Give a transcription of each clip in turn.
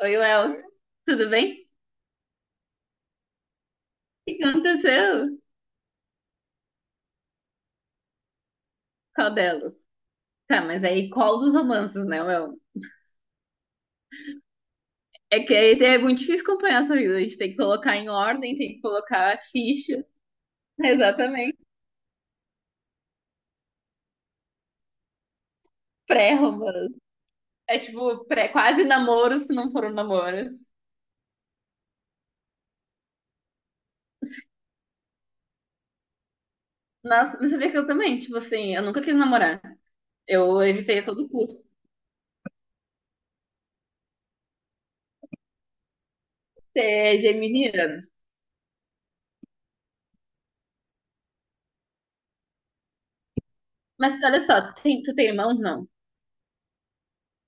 Oi, Léo, tudo bem? O que aconteceu? Qual delas? Tá, mas aí qual dos romances, né, Léo? É que aí é muito difícil acompanhar essa vida. A gente tem que colocar em ordem, tem que colocar a ficha. Exatamente. Pré-romance. É tipo, pré, quase namoro se não foram namoros. Nossa, você vê que eu também, tipo assim, eu nunca quis namorar. Eu evitei a todo custo ser geminiana. Mas olha só, tu tem irmãos, não?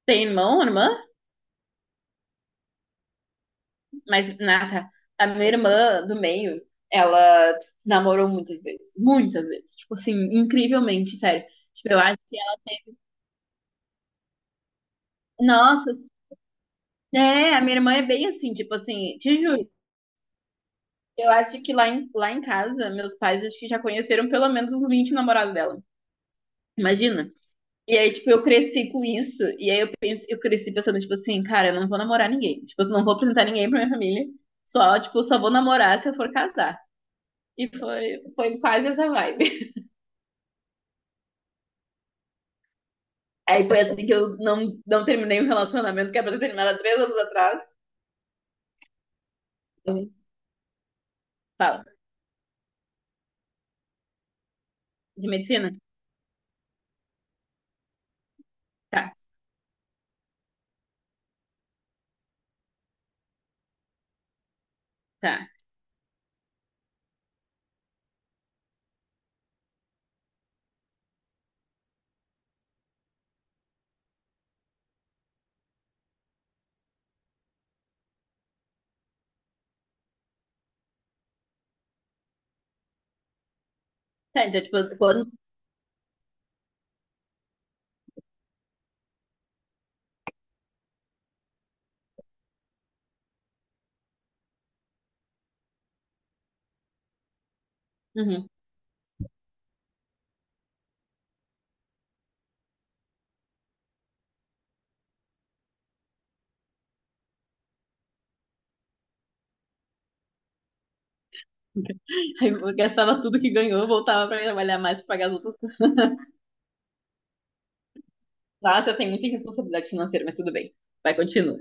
Tem irmão, irmã? Mas, Nata, a minha irmã do meio, ela namorou muitas vezes. Muitas vezes. Tipo assim, incrivelmente, sério. Tipo, eu acho que ela. Nossa, é, a minha irmã é bem assim, tipo assim, te juro. Eu acho que lá em casa, meus pais acho que já conheceram pelo menos uns 20 namorados dela. Imagina. E aí, tipo, eu cresci com isso. E aí eu cresci pensando, tipo assim, cara, eu não vou namorar ninguém. Tipo, eu não vou apresentar ninguém pra minha família. Só, tipo, só vou namorar se eu for casar. E foi quase essa vibe. Aí foi assim que eu não terminei um relacionamento que era pra ter terminado há 3 anos atrás. Uhum. Fala. De medicina? Tá, tá. Tá, então, tipo, quando. Uhum. Aí eu gastava tudo que ganhou, voltava pra trabalhar mais pra pagar as outras coisas. Nossa, tem muita responsabilidade financeira, mas tudo bem. Vai, continua.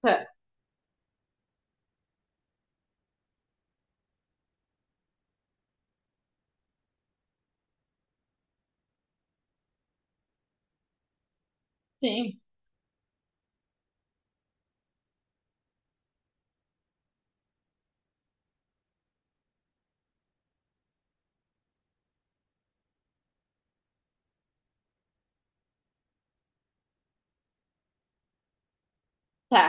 Tá, sim. Tá,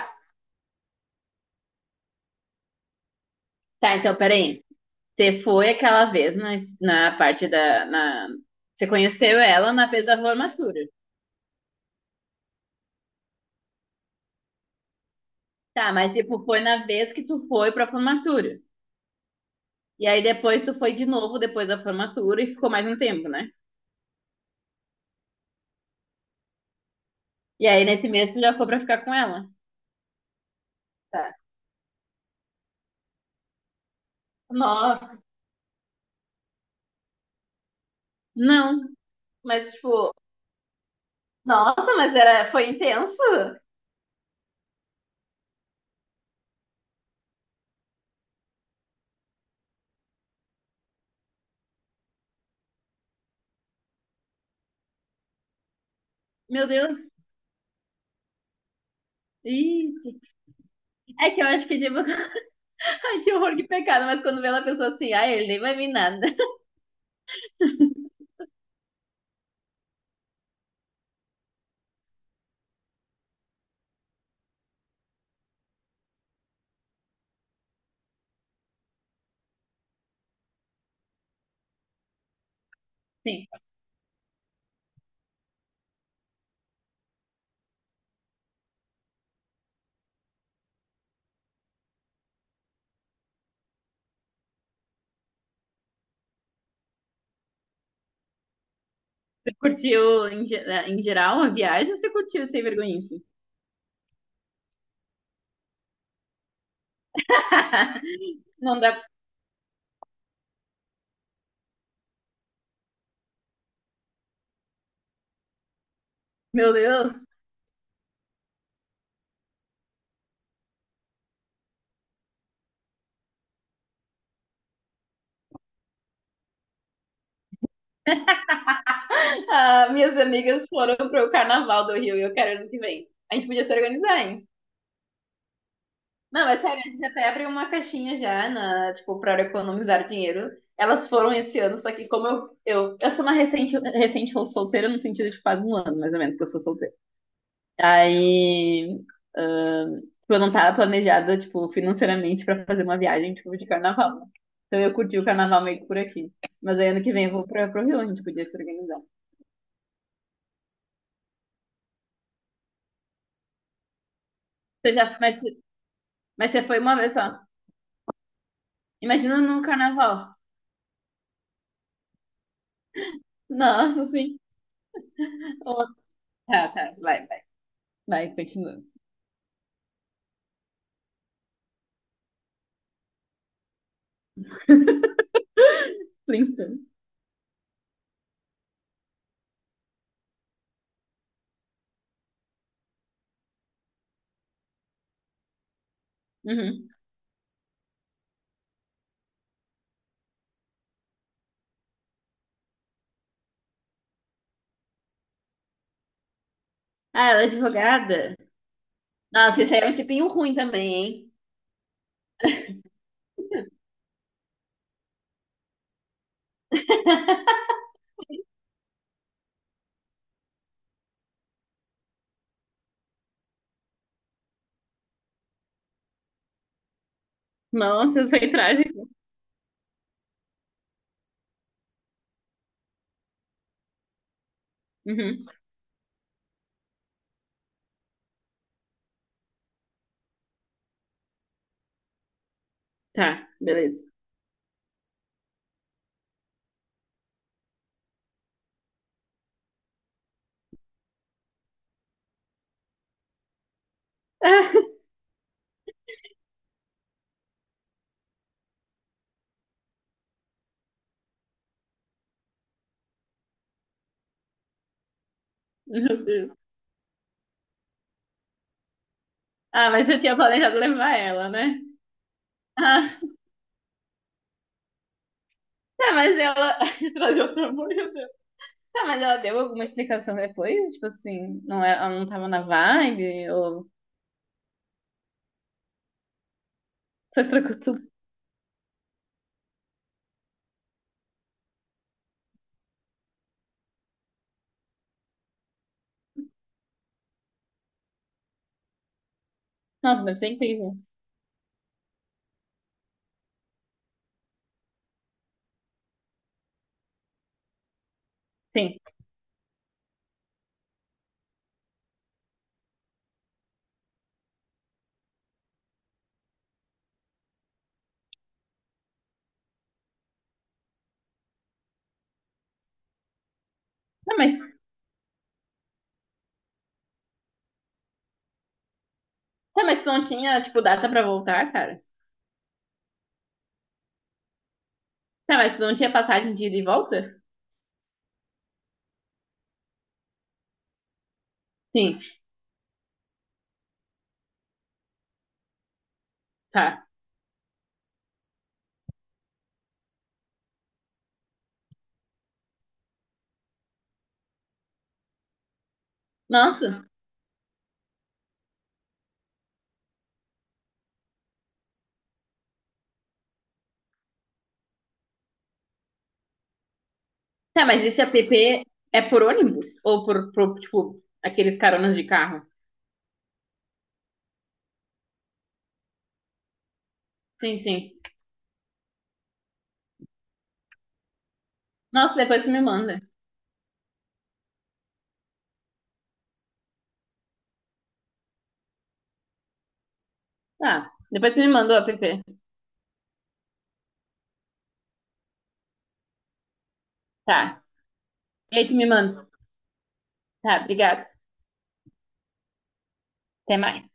tá, então, peraí. Você foi aquela vez na parte da. Na. Você conheceu ela na vez da formatura. Tá, mas tipo, foi na vez que tu foi pra formatura. E aí depois tu foi de novo depois da formatura e ficou mais um tempo, né? E aí nesse mês tu já foi pra ficar com ela. Tá. Nossa, não, mas tipo, nossa, mas foi intenso. Meu Deus. Ih, é que eu acho que tipo, ai, que horror, que pecado, mas quando vê ela pessoa assim, ai, ele nem vai vir nada. Sim, você curtiu em geral a viagem ou você curtiu sem vergonhice? Não dá, meu Deus. Ah, minhas amigas foram pro carnaval do Rio e eu quero ano que vem. A gente podia se organizar, hein? Não, é sério, a gente até abriu uma caixinha já, na, tipo, para economizar dinheiro. Elas foram esse ano, só que como eu sou uma recente solteira, no sentido de faz um ano, mais ou menos, que eu sou solteira. Aí, tipo, eu não tava planejada, tipo, financeiramente pra fazer uma viagem, tipo, de carnaval, né? Então eu curti o carnaval meio que por aqui. Mas aí ano que vem eu vou pro Rio, a gente podia se organizar. Você já, mas você foi uma vez só. Imagina num carnaval. Nossa, sim. Tá, tá, vai, vai, vai, continua. Flintstone. Uhum. Ah, ela é advogada? Nossa, esse aí é um tipinho ruim também, hein? Nossa, foi trágico. Uhum. Tá, beleza. Ah, meu Deus. Ah, mas eu tinha planejado levar ela, né? Ah, tá, mas ela. Trajou, pelo amor de Deus. Tá, mas ela deu alguma explicação depois? Tipo assim, não é, ela não tava na vibe? Ou só estragou tudo? Nossa, deve ser incrível. Sim. Tá, mas, tá, mas tu não tinha, tipo, data pra voltar, cara? Tá, mas tu não tinha passagem de ida e volta? Sim, tá. Nossa. Tá, mas esse app é por ônibus? Ou por, tipo, aqueles caronas de carro? Sim, sim. Nossa, depois você me manda. Tá, depois você me manda o app. Tá, e aí tu me manda. Tá, obrigada. Até mais.